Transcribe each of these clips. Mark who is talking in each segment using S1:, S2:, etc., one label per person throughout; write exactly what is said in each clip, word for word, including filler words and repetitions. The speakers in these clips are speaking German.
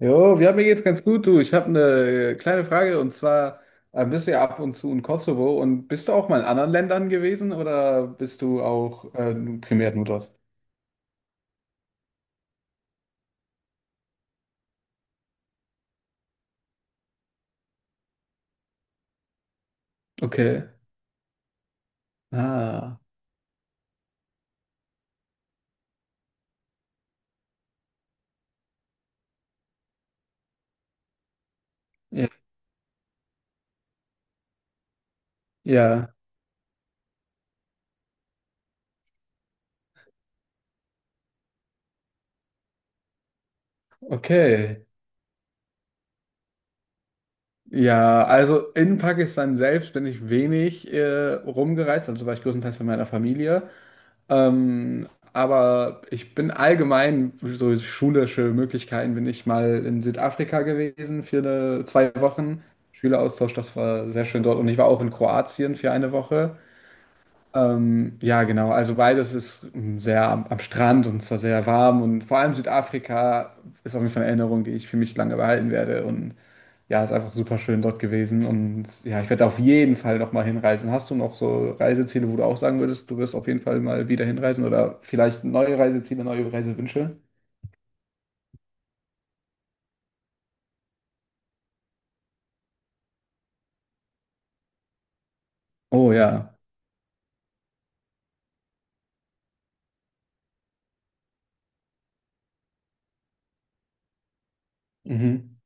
S1: Jo, ja, mir geht's ganz gut, du. Ich habe eine kleine Frage, und zwar äh, bist du ja ab und zu in Kosovo, und bist du auch mal in anderen Ländern gewesen oder bist du auch äh, primär nur dort? Okay. Ah, ja, ja, okay. Ja, also in Pakistan selbst bin ich wenig äh, rumgereist, also war ich größtenteils bei meiner Familie. Ähm, aber ich bin allgemein, so schulische Möglichkeiten, bin ich mal in Südafrika gewesen für eine, zwei Wochen. Schüleraustausch, das war sehr schön dort. Und ich war auch in Kroatien für eine Woche. Ähm, ja, genau. Also beides ist ähm, sehr am, am Strand, und zwar sehr warm, und vor allem Südafrika ist auf jeden Fall eine Erinnerung, die ich für mich lange behalten werde, und ja, ist einfach super schön dort gewesen, und ja, ich werde auf jeden Fall noch mal hinreisen. Hast du noch so Reiseziele, wo du auch sagen würdest, du wirst auf jeden Fall mal wieder hinreisen, oder vielleicht neue Reiseziele, neue Reisewünsche? Oh ja. Mhm.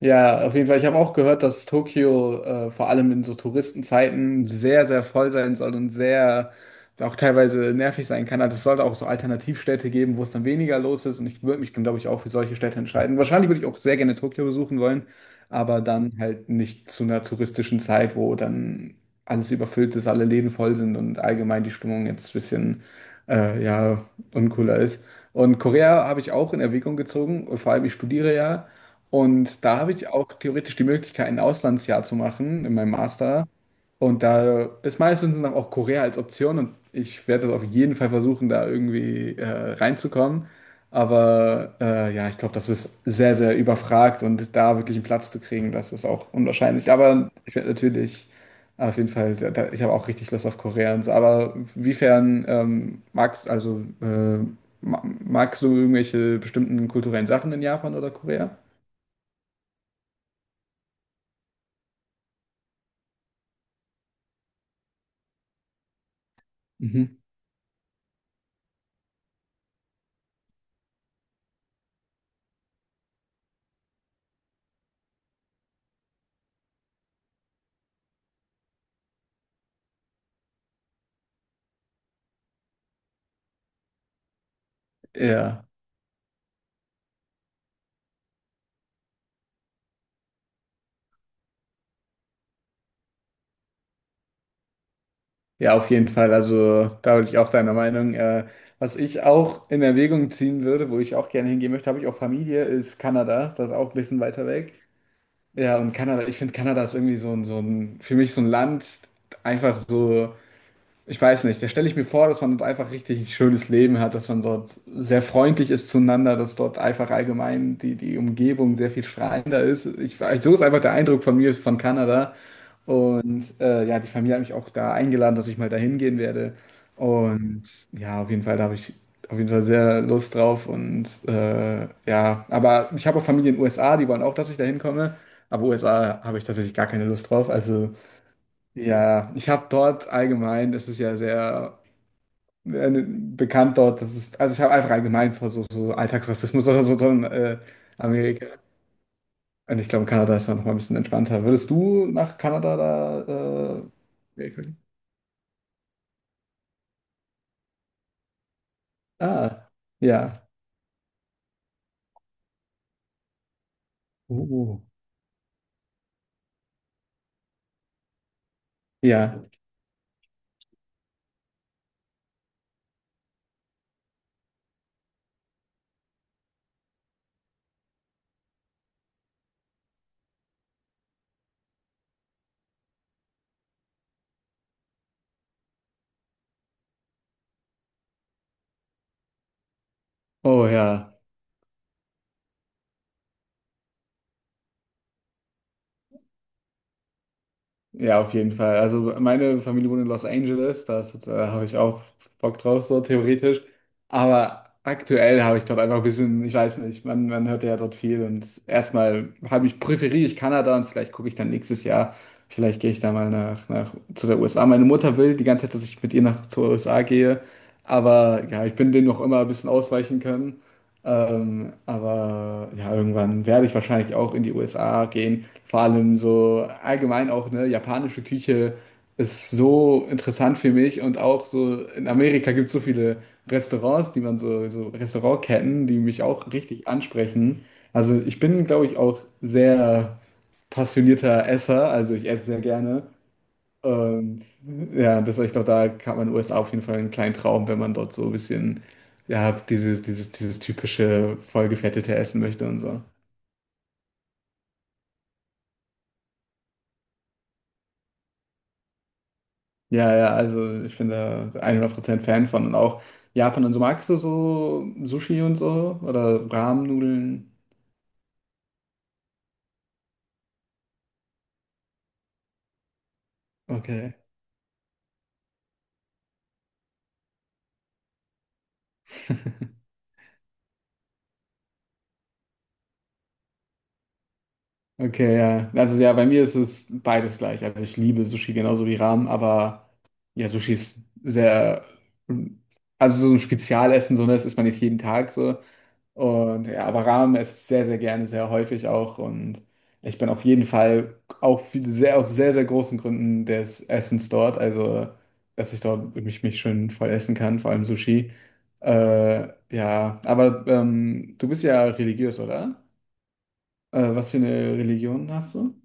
S1: Ja, auf jeden Fall. Ich habe auch gehört, dass Tokio äh, vor allem in so Touristenzeiten sehr, sehr voll sein soll und sehr auch teilweise nervig sein kann. Also es sollte auch so Alternativstädte geben, wo es dann weniger los ist. Und ich würde mich, glaube ich, auch für solche Städte entscheiden. Wahrscheinlich würde ich auch sehr gerne Tokio besuchen wollen, aber dann halt nicht zu einer touristischen Zeit, wo dann alles überfüllt ist, alle Läden voll sind und allgemein die Stimmung jetzt ein bisschen äh, ja, uncooler ist. Und Korea habe ich auch in Erwägung gezogen. Vor allem, ich studiere ja. Und da habe ich auch theoretisch die Möglichkeit, ein Auslandsjahr zu machen in meinem Master. Und da ist meines Wissens nach auch Korea als Option, und ich werde das auf jeden Fall versuchen, da irgendwie äh, reinzukommen. Aber äh, ja, ich glaube, das ist sehr, sehr überfragt, und da wirklich einen Platz zu kriegen, das ist auch unwahrscheinlich. Aber ich werde natürlich auf jeden Fall, da, da, ich habe auch richtig Lust auf Korea und so. Aber inwiefern ähm, magst, also, äh, ma- magst du irgendwelche bestimmten kulturellen Sachen in Japan oder Korea? Mhm. Ja, ja, auf jeden Fall. Also da bin ich auch deiner Meinung. Äh, was ich auch in Erwägung ziehen würde, wo ich auch gerne hingehen möchte, habe ich auch Familie, ist Kanada. Das ist auch ein bisschen weiter weg. Ja, und Kanada, ich finde, Kanada ist irgendwie so ein, so ein, für mich so ein Land, einfach so. Ich weiß nicht, da stelle ich mir vor, dass man dort einfach richtig ein schönes Leben hat, dass man dort sehr freundlich ist zueinander, dass dort einfach allgemein die, die Umgebung sehr viel strahlender ist. Ich, so ist einfach der Eindruck von mir von Kanada. Und äh, ja, die Familie hat mich auch da eingeladen, dass ich mal dahin gehen werde. Und ja, auf jeden Fall, da habe ich auf jeden Fall sehr Lust drauf. Und äh, ja, aber ich habe auch Familie in den U S A, die wollen auch, dass ich da hinkomme. Aber U S A habe ich tatsächlich gar keine Lust drauf. Also ja, ich habe dort allgemein, das ist ja sehr äh, bekannt dort, dass es, also ich habe einfach allgemein vor so, so Alltagsrassismus oder so drin, äh, Amerika. Und ich glaube, Kanada ist da noch mal ein bisschen entspannter. Würdest du nach Kanada da, äh, Amerika gehen? Ah, ja. Uh. Ja. Oh ja. Ja, auf jeden Fall. Also meine Familie wohnt in Los Angeles, da ist- da habe ich auch Bock drauf, so theoretisch. Aber aktuell habe ich dort einfach ein bisschen, ich weiß nicht, man, man hört ja dort viel, und erstmal habe ich, präferiere ich Kanada, und vielleicht gucke ich dann nächstes Jahr, vielleicht gehe ich da mal nach, nach zu der U S A. Meine Mutter will die ganze Zeit, dass ich mit ihr nach zur U S A gehe, aber ja, ich bin dem noch immer ein bisschen ausweichen können. Ähm, aber ja, irgendwann werde ich wahrscheinlich auch in die U S A gehen. Vor allem so allgemein auch, ne, japanische Küche ist so interessant für mich, und auch so in Amerika gibt es so viele Restaurants, die man so, so Restaurantketten, die mich auch richtig ansprechen. Also ich bin, glaube ich, auch sehr passionierter Esser, also ich esse sehr gerne, und ja, das war, ich glaube, da hat man in den U S A auf jeden Fall einen kleinen Traum, wenn man dort so ein bisschen, ja, dieses, dieses, dieses typische vollgefettete Essen möchte und so. Ja, ja, also ich bin da hundert Prozent Fan von, und auch Japan und so. Magst du so Sushi und so oder Ramen-Nudeln? Okay. Okay, ja. Also ja, bei mir ist es beides gleich. Also ich liebe Sushi genauso wie Ramen, aber ja, Sushi ist sehr, also so ein Spezialessen, so, ne? Das isst man nicht jeden Tag so. Und ja, aber Ramen esse ich sehr, sehr gerne, sehr häufig auch. Und ich bin auf jeden Fall auch viel- sehr, aus sehr, sehr großen Gründen des Essens dort. Also, dass ich dort mich, mich schön voll essen kann, vor allem Sushi. Äh, ja, aber ähm, du bist ja religiös, oder? Äh, was für eine Religion hast du?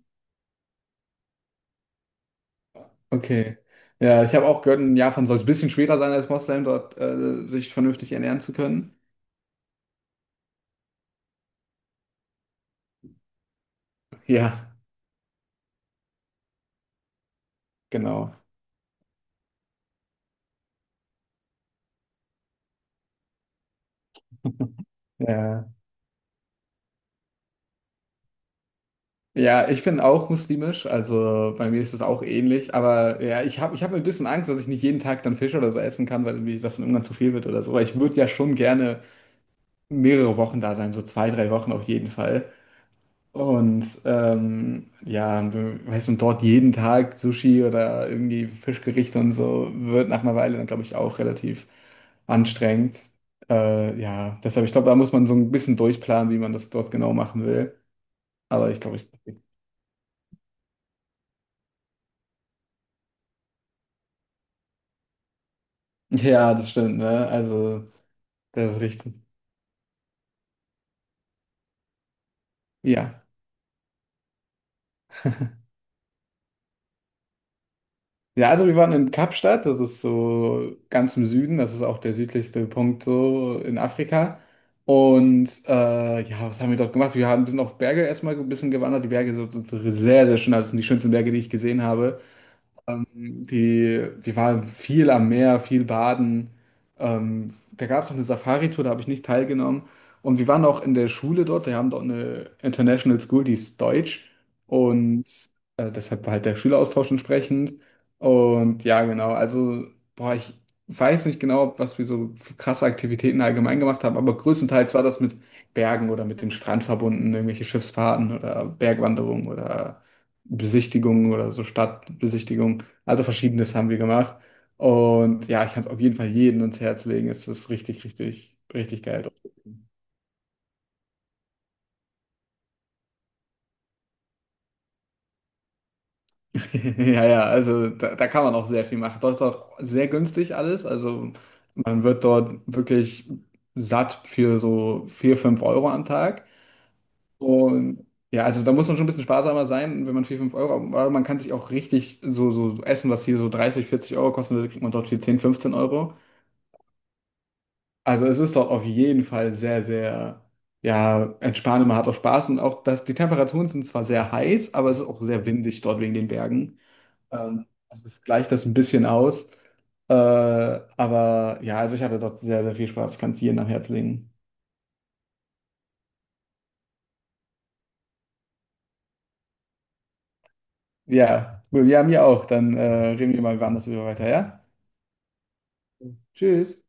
S1: Okay. Ja, ich habe auch gehört, in Japan soll es ein bisschen schwerer sein als Moslem, dort äh, sich vernünftig ernähren zu können. Ja, genau. Ja. Ja, ich bin auch muslimisch, also bei mir ist es auch ähnlich, aber ja, ich habe ich hab ein bisschen Angst, dass ich nicht jeden Tag dann Fisch oder so essen kann, weil irgendwie das dann irgendwann zu viel wird oder so. Weil ich würde ja schon gerne mehrere Wochen da sein, so zwei, drei Wochen auf jeden Fall. Und ähm, ja, weißt du, und dort jeden Tag Sushi oder irgendwie Fischgerichte und so wird nach einer Weile dann, glaube ich, auch relativ anstrengend. Äh, ja, deshalb, ich glaube, da muss man so ein bisschen durchplanen, wie man das dort genau machen will. Aber ich glaube, ich. Ja, das stimmt, ne? Also, das ist richtig. Ja. Ja, also wir waren in Kapstadt, das ist so ganz im Süden, das ist auch der südlichste Punkt so in Afrika. Und äh, ja, was haben wir dort gemacht? Wir haben, sind auf Berge erstmal ein bisschen gewandert. Die Berge sind sind sehr, sehr schön. Also das sind die schönsten Berge, die ich gesehen habe. Ähm, die, wir waren viel am Meer, viel baden. Ähm, da gab es noch eine Safari-Tour, da habe ich nicht teilgenommen. Und wir waren auch in der Schule dort, wir haben dort eine International School, die ist deutsch. Und äh, deshalb war halt der Schüleraustausch entsprechend. Und ja, genau, also, boah, ich weiß nicht genau, was wir so für krasse Aktivitäten allgemein gemacht haben, aber größtenteils war das mit Bergen oder mit dem Strand verbunden, irgendwelche Schiffsfahrten oder Bergwanderungen oder Besichtigungen oder so Stadtbesichtigungen. Also Verschiedenes haben wir gemacht. Und ja, ich kann es auf jeden Fall jedem ans Herz legen. Es ist richtig, richtig, richtig geil. dort. Ja, ja, also da, da kann man auch sehr viel machen. Dort ist auch sehr günstig alles. Also man wird dort wirklich satt für so vier, fünf Euro am Tag. Und ja, also da muss man schon ein bisschen sparsamer sein, wenn man vier, fünf Euro, aber man kann sich auch richtig so, so Essen, was hier so dreißig, vierzig Euro kosten würde, kriegt man dort für zehn, fünfzehn Euro. Also es ist dort auf jeden Fall sehr, sehr, ja, entspannend. man hat auch Spaß, und auch das, die Temperaturen sind zwar sehr heiß, aber es ist auch sehr windig dort wegen den Bergen. Ähm, also es gleicht das ein bisschen aus. Äh, aber ja, also ich hatte dort sehr, sehr viel Spaß, Ich kann es jedem am Herzen legen. Ja, cool. ja, mir auch. Dann äh, reden wir mal wann das über weiter, ja? Tschüss.